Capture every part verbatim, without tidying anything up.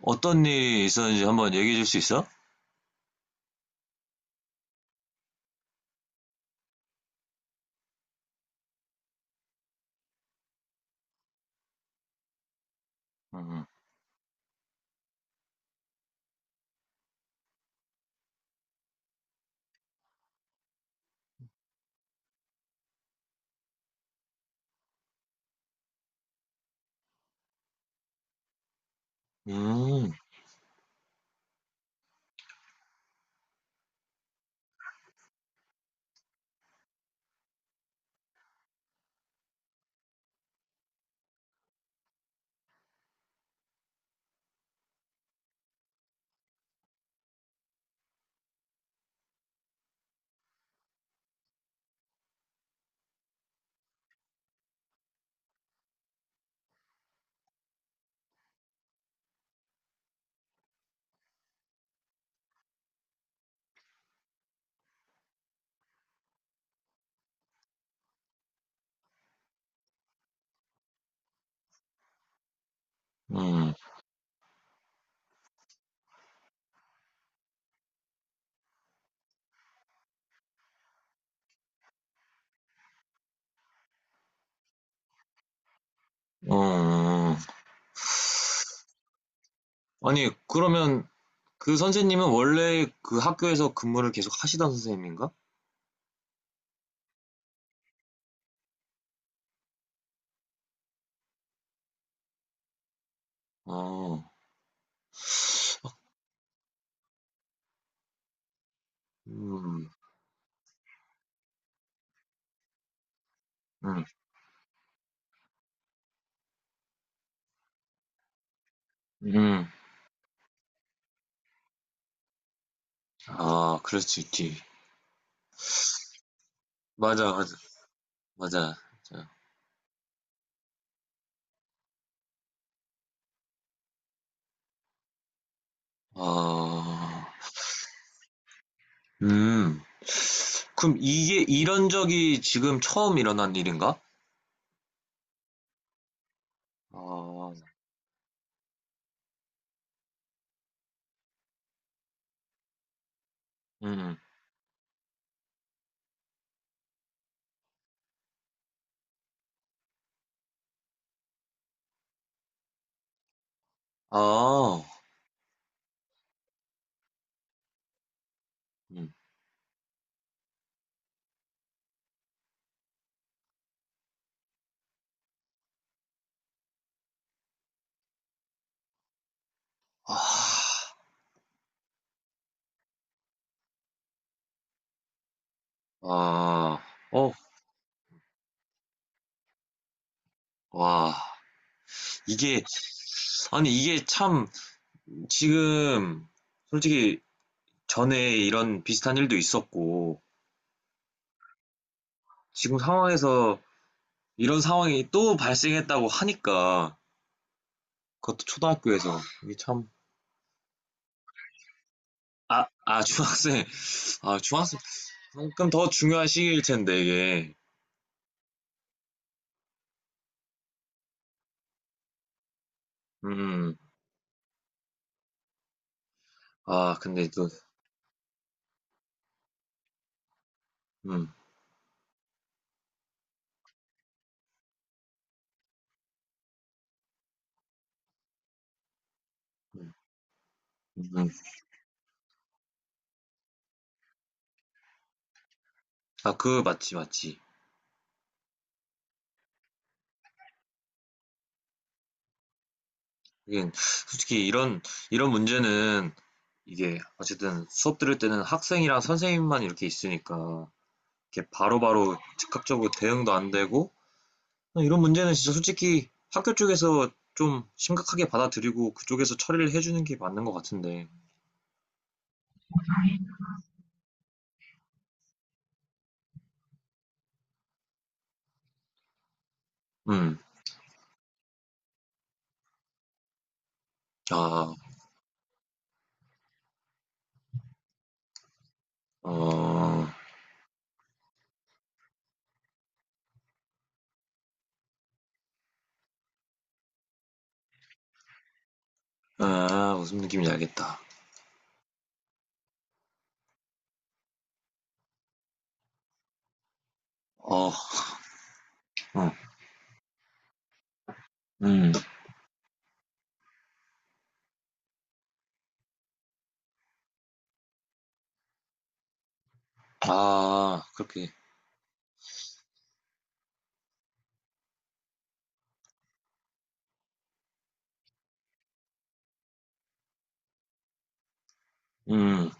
어떤 일이 있었는지 한번 얘기해 줄 수 있어? 음, 음, 음, 음. 아니, 그러면 그 선생님은 원래 그 학교에서 근무를 계속 하시던 선생님인가? 어, 음, 음, 음. 아, 그럴 수 있지. 맞아, 맞아, 맞아. 맞아. 아, 음. 그럼 이게 이런 적이 지금 처음 일어난 일인가? 아, 음, 음. 아, 음. 아, 아, 어, 와. 이게, 아니, 이게 참, 지금, 솔직히, 전에 이런 비슷한 일도 있었고, 지금 상황에서 이런 상황이 또 발생했다고 하니까, 그것도 초등학교에서, 이게 참, 아, 아, 중학생, 아, 중학생, 그럼 더 중요한 시기일 텐데, 이게. 음, 아, 근데 또, 음, 음, 음. 아, 그, 맞지, 맞지. 이게, 솔직히 이런, 이런 문제는, 이게, 어쨌든 수업 들을 때는 학생이랑 선생님만 이렇게 있으니까, 이렇게 바로바로 즉각적으로 대응도 안 되고 이런 문제는 진짜 솔직히 학교 쪽에서 좀 심각하게 받아들이고 그쪽에서 처리를 해주는 게 맞는 것 같은데. 음, 아, 어, 아, 무슨 느낌인지 알겠다. 어, 음, 음, 아, 그렇게, 음,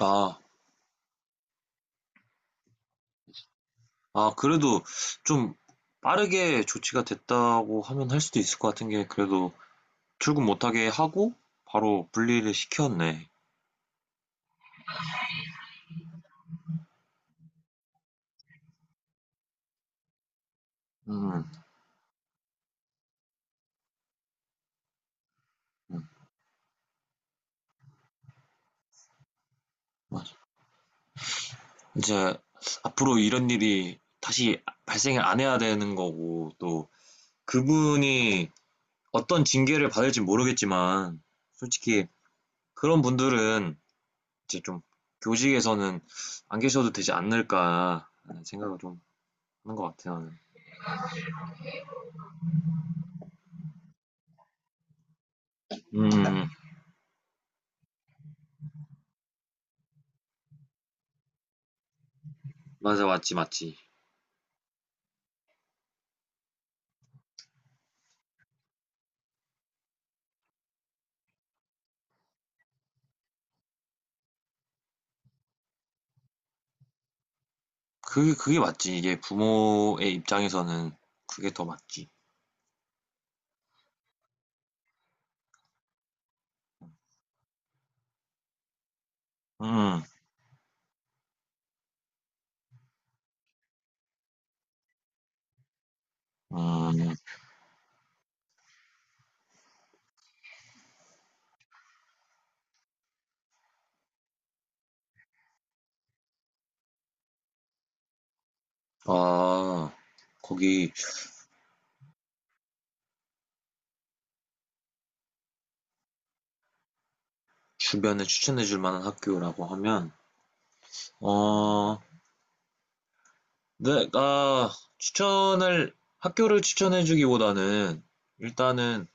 아, 아, 그래도 좀 빠르게 조치가 됐다고 하면 할 수도 있을 것 같은 게 그래도 출근 못하게 하고 바로 분리를 시켰네. 음, 음, 아, 이제 앞으로 이런 일이 다시 발생을 안 해야 되는 거고, 또 그분이 어떤 징계를 받을지 모르겠지만, 솔직히 그런 분들은 이제 좀 교직에서는 안 계셔도 되지 않을까 하는 생각을 좀 하는 것 같아요. 음, 맞아, 맞지, 맞지. 그게, 그게 맞지. 이게 부모의 입장에서는 그게 더 맞지. 음, 음, 아, 거기 주변에 추천해 줄 만한 학교라고 하면, 어, 내가 추천을, 학교를 추천해주기보다는 일단은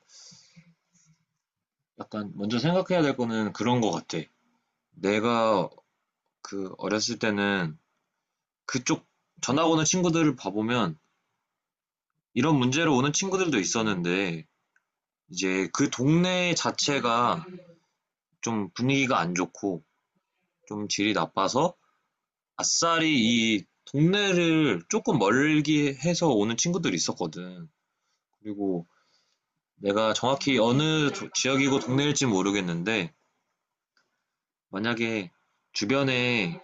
약간 먼저 생각해야 될 거는 그런 거 같아. 내가 그 어렸을 때는 그쪽 전학 오는 친구들을 봐보면 이런 문제로 오는 친구들도 있었는데 이제 그 동네 자체가 좀 분위기가 안 좋고 좀 질이 나빠서 아싸리 이 동네를 조금 멀게 해서 오는 친구들이 있었거든. 그리고 내가 정확히 어느 조- 지역이고 동네일지 모르겠는데, 만약에 주변에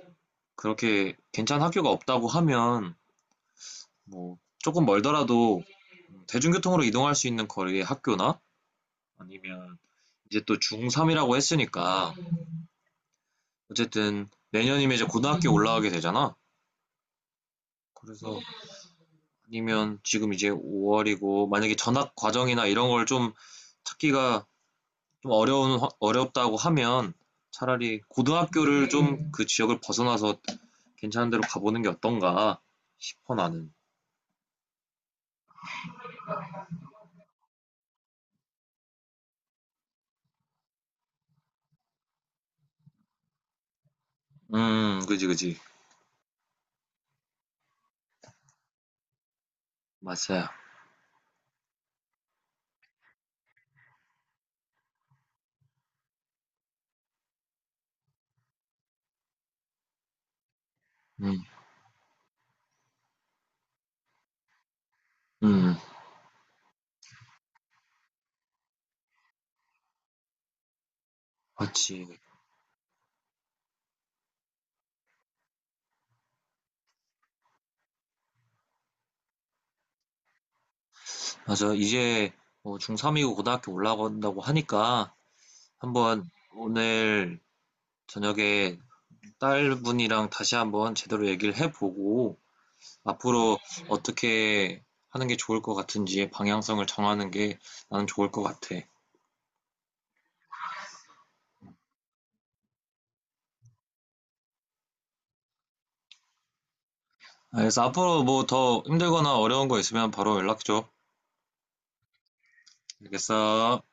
그렇게 괜찮은 학교가 없다고 하면, 뭐, 조금 멀더라도 대중교통으로 이동할 수 있는 거리의 학교나, 아니면 이제 또 중삼이라고 했으니까, 어쨌든 내년이면 이제 고등학교 올라가게 되잖아. 그래서 아니면 지금 이제 오월이고, 만약에 전학 과정이나 이런 걸 좀 찾기가 좀 어려운, 어렵다고 하면 차라리 고등학교를 좀 그 지역을 벗어나서 괜찮은 데로 가보는 게 어떤가 싶어 나는. 음, 그지, 그지. 맞아요. 음, 음, 맞지. 맞아. 이제 뭐 중삼이고 고등학교 올라간다고 하니까 한번 오늘 저녁에 딸분이랑 다시 한번 제대로 얘기를 해보고 앞으로 어떻게 하는 게 좋을 것 같은지 방향성을 정하는 게 나는 좋을 것 같아. 알겠어. 앞으로 뭐 더 힘들거나 어려운 거 있으면 바로 연락 줘. 알겠어.